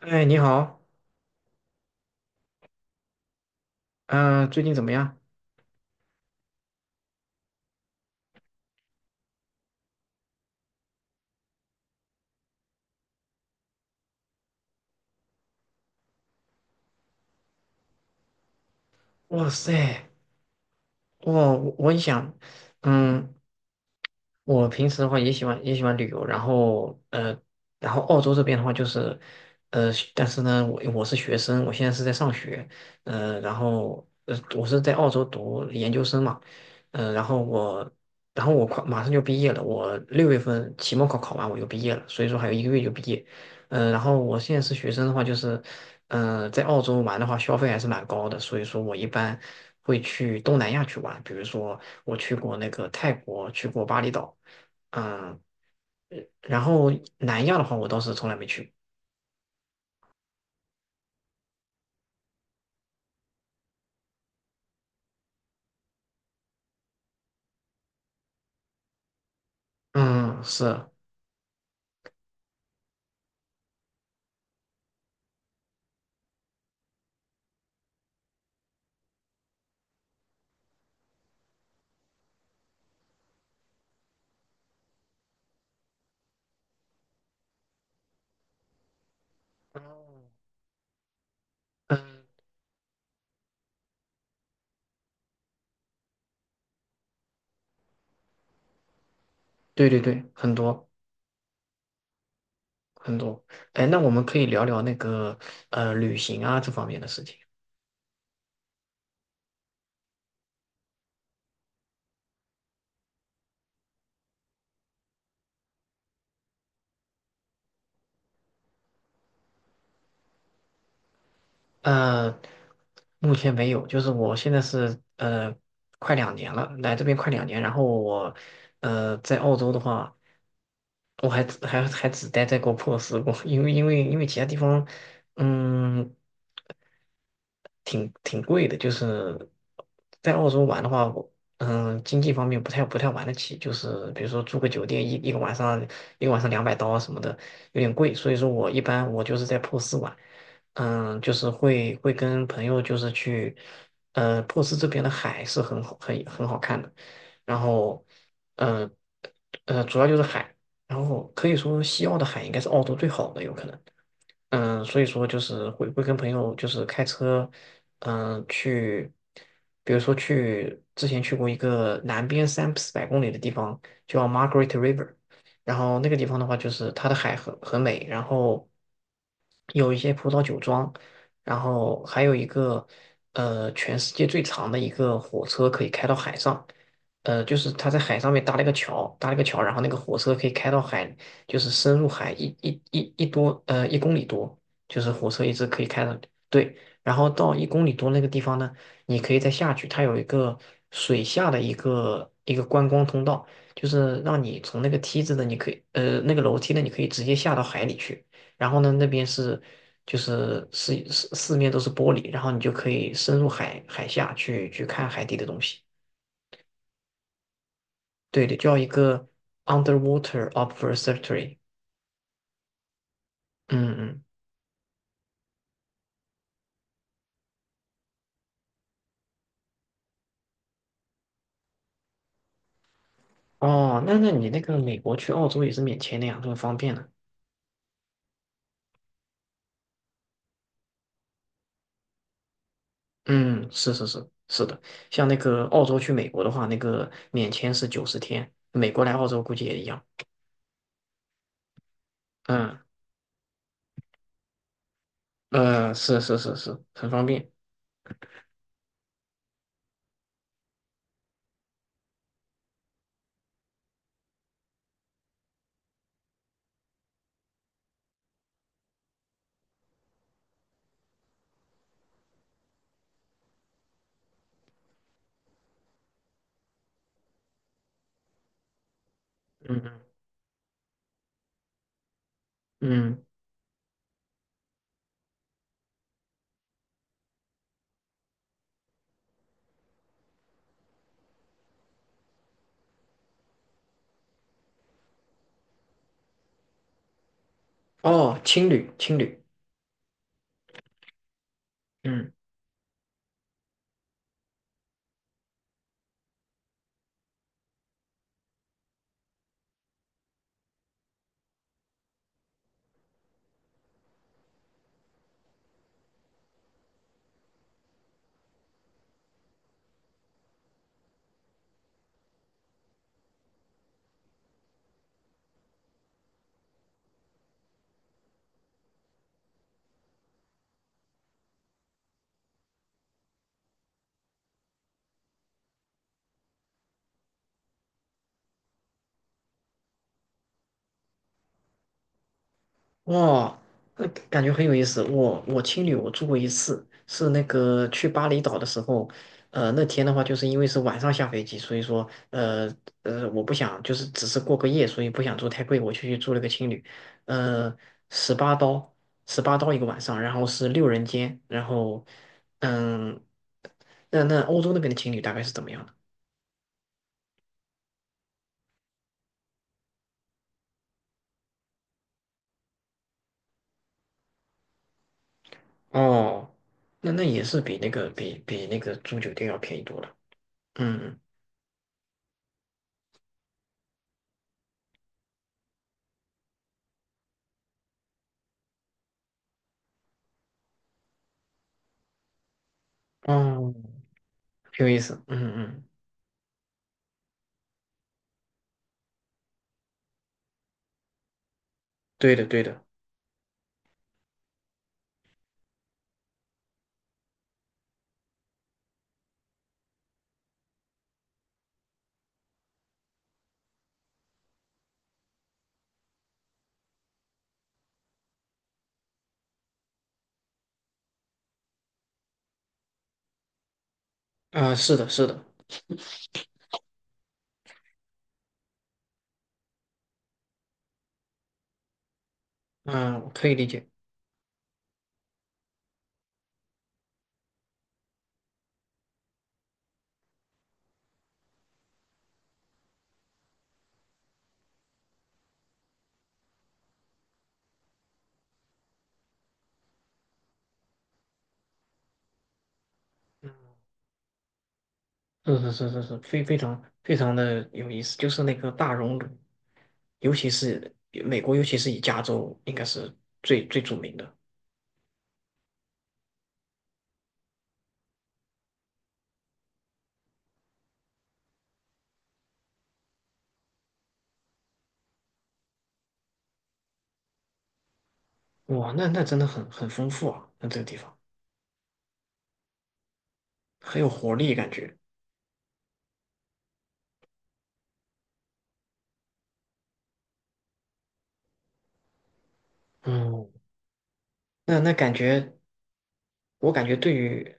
哎，你好，嗯、最近怎么样？哇塞，哇，我很想，嗯，我平时的话也喜欢旅游，然后然后澳洲这边的话就是，但是呢，我是学生，我现在是在上学，然后我是在澳洲读研究生嘛。然后我，然后我快马上就毕业了，我6月份期末考考完我就毕业了，所以说还有一个月就毕业。然后我现在是学生的话就是，在澳洲玩的话消费还是蛮高的，所以说我一般会去东南亚去玩，比如说。我去过那个泰国，去过巴厘岛，嗯，然后南亚的话，我倒是从来没去过。嗯，是。哦，嗯，对对对，很多很多。哎，那我们可以聊聊那个旅行啊这方面的事情。呃，目前没有，就是我现在是快两年了，来这边快两年，然后我在澳洲的话。我还只待在过珀斯过，因为其他地方，嗯，挺贵的，就是在澳洲玩的话，我经济方面不太玩得起，就是比如说住个酒店一个晚上200刀啊什么的，有点贵，所以说我一般我就是在珀斯玩。就是会跟朋友就是去，珀斯这边的海是很好很好看的，然后，呃主要就是海。然后可以说西澳的海应该是澳洲最好的，有可能。所以说就是会跟朋友就是开车，去，比如说去之前去过一个南边三四百公里的地方叫 Margaret River，然后那个地方的话就是它的海很美，然后有一些葡萄酒庄，然后还有一个全世界最长的一个火车可以开到海上。就是他在海上面搭了一个桥，搭了一个桥，然后那个火车可以开到海，就是深入海一公里多，就是火车一直可以开到。对，然后到一公里多那个地方呢，你可以再下去，它有一个水下的一个观光通道，就是让你从那个梯子的你可以那个楼梯呢，你可以直接下到海里去，然后呢那边是就是四面都是玻璃，然后你就可以深入海下去看海底的东西，对的，叫一个 underwater observatory。嗯嗯。哦，那你那个美国去澳洲也是免签的呀，这么方便呢。嗯，是是是是的。像那个澳洲去美国的话，那个免签是90天，美国来澳洲估计也一样。嗯，是是是是，很方便。嗯嗯嗯，哦，青旅青旅，嗯。哇，感觉很有意思。我青旅我住过一次，是那个去巴厘岛的时候，那天的话就是因为是晚上下飞机，所以说我不想就是只是过个夜，所以不想住太贵，我就去住了个青旅。呃，十八刀，十八刀一个晚上，然后是6人间，然后嗯，那欧洲那边的青旅大概是怎么样的？哦，那也是比那个比那个住酒店要便宜多了。嗯，哦。挺有意思。嗯嗯，对的对的，啊、是的是的，嗯、我可以理解。嗯，是是是是是，非常非常的有意思，就是那个大熔炉，尤其是美国，尤其是以加州应该是最最著名的。哇，那真的很丰富啊，那这个地方很有活力感觉。嗯，那感觉，我感觉对于，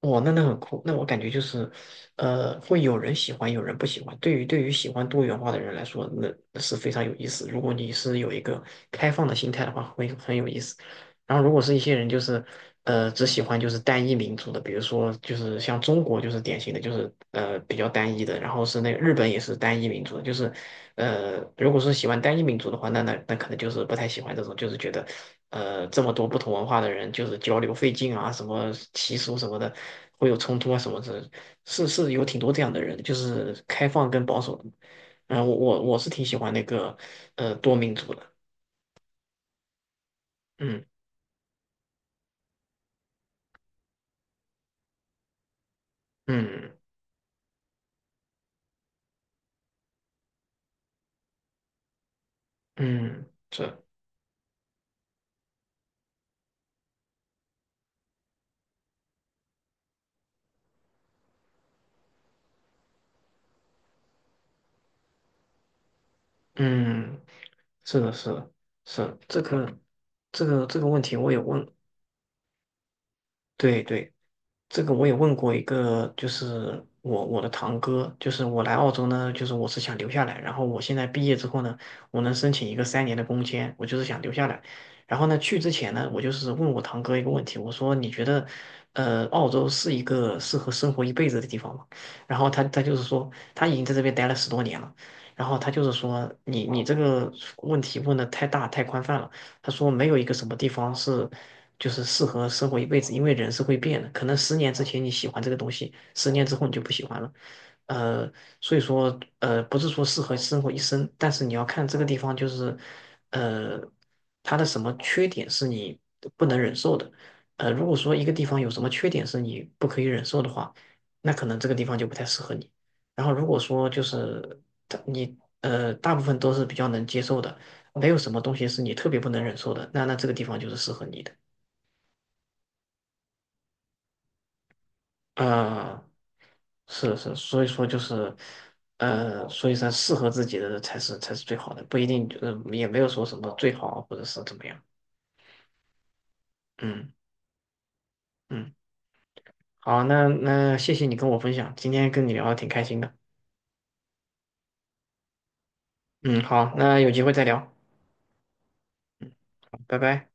哇，那很酷。那我感觉就是，会有人喜欢，有人不喜欢。对于喜欢多元化的人来说，那是非常有意思。如果你是有一个开放的心态的话，会很有意思。然后，如果是一些人就是只喜欢就是单一民族的，比如说就是像中国就是典型的，就是比较单一的，然后是那个日本也是单一民族的，就是如果说喜欢单一民族的话，那可能就是不太喜欢这种，就是觉得这么多不同文化的人就是交流费劲啊，什么习俗什么的会有冲突啊什么的，是有挺多这样的人，就是开放跟保守的。然后我是挺喜欢那个多民族的。嗯嗯嗯，嗯。是的，是的，是的，这个问题我也问，对对，这个我也问过一个，就是我的堂哥，就是我来澳洲呢，就是我是想留下来，然后我现在毕业之后呢，我能申请一个3年的工签，我就是想留下来。然后呢，去之前呢，我就是问我堂哥一个问题，我说你觉得，澳洲是一个适合生活一辈子的地方吗？然后他就是说他已经在这边待了10多年了，然后他就是说你这个问题问的太大太宽泛了，他说没有一个什么地方是。就是适合生活一辈子，因为人是会变的，可能十年之前你喜欢这个东西，十年之后你就不喜欢了，呃，所以说不是说适合生活一生，但是你要看这个地方就是，呃，它的什么缺点是你不能忍受的，如果说一个地方有什么缺点是你不可以忍受的话，那可能这个地方就不太适合你。然后如果说就是它你大部分都是比较能接受的，没有什么东西是你特别不能忍受的，那这个地方就是适合你的。嗯，是是，所以说就是，所以说适合自己的才是最好的，不一定，就是也没有说什么最好或者是怎么样。嗯嗯，好，那谢谢你跟我分享，今天跟你聊的挺开心的。嗯，好，那有机会再聊。嗯，好拜拜。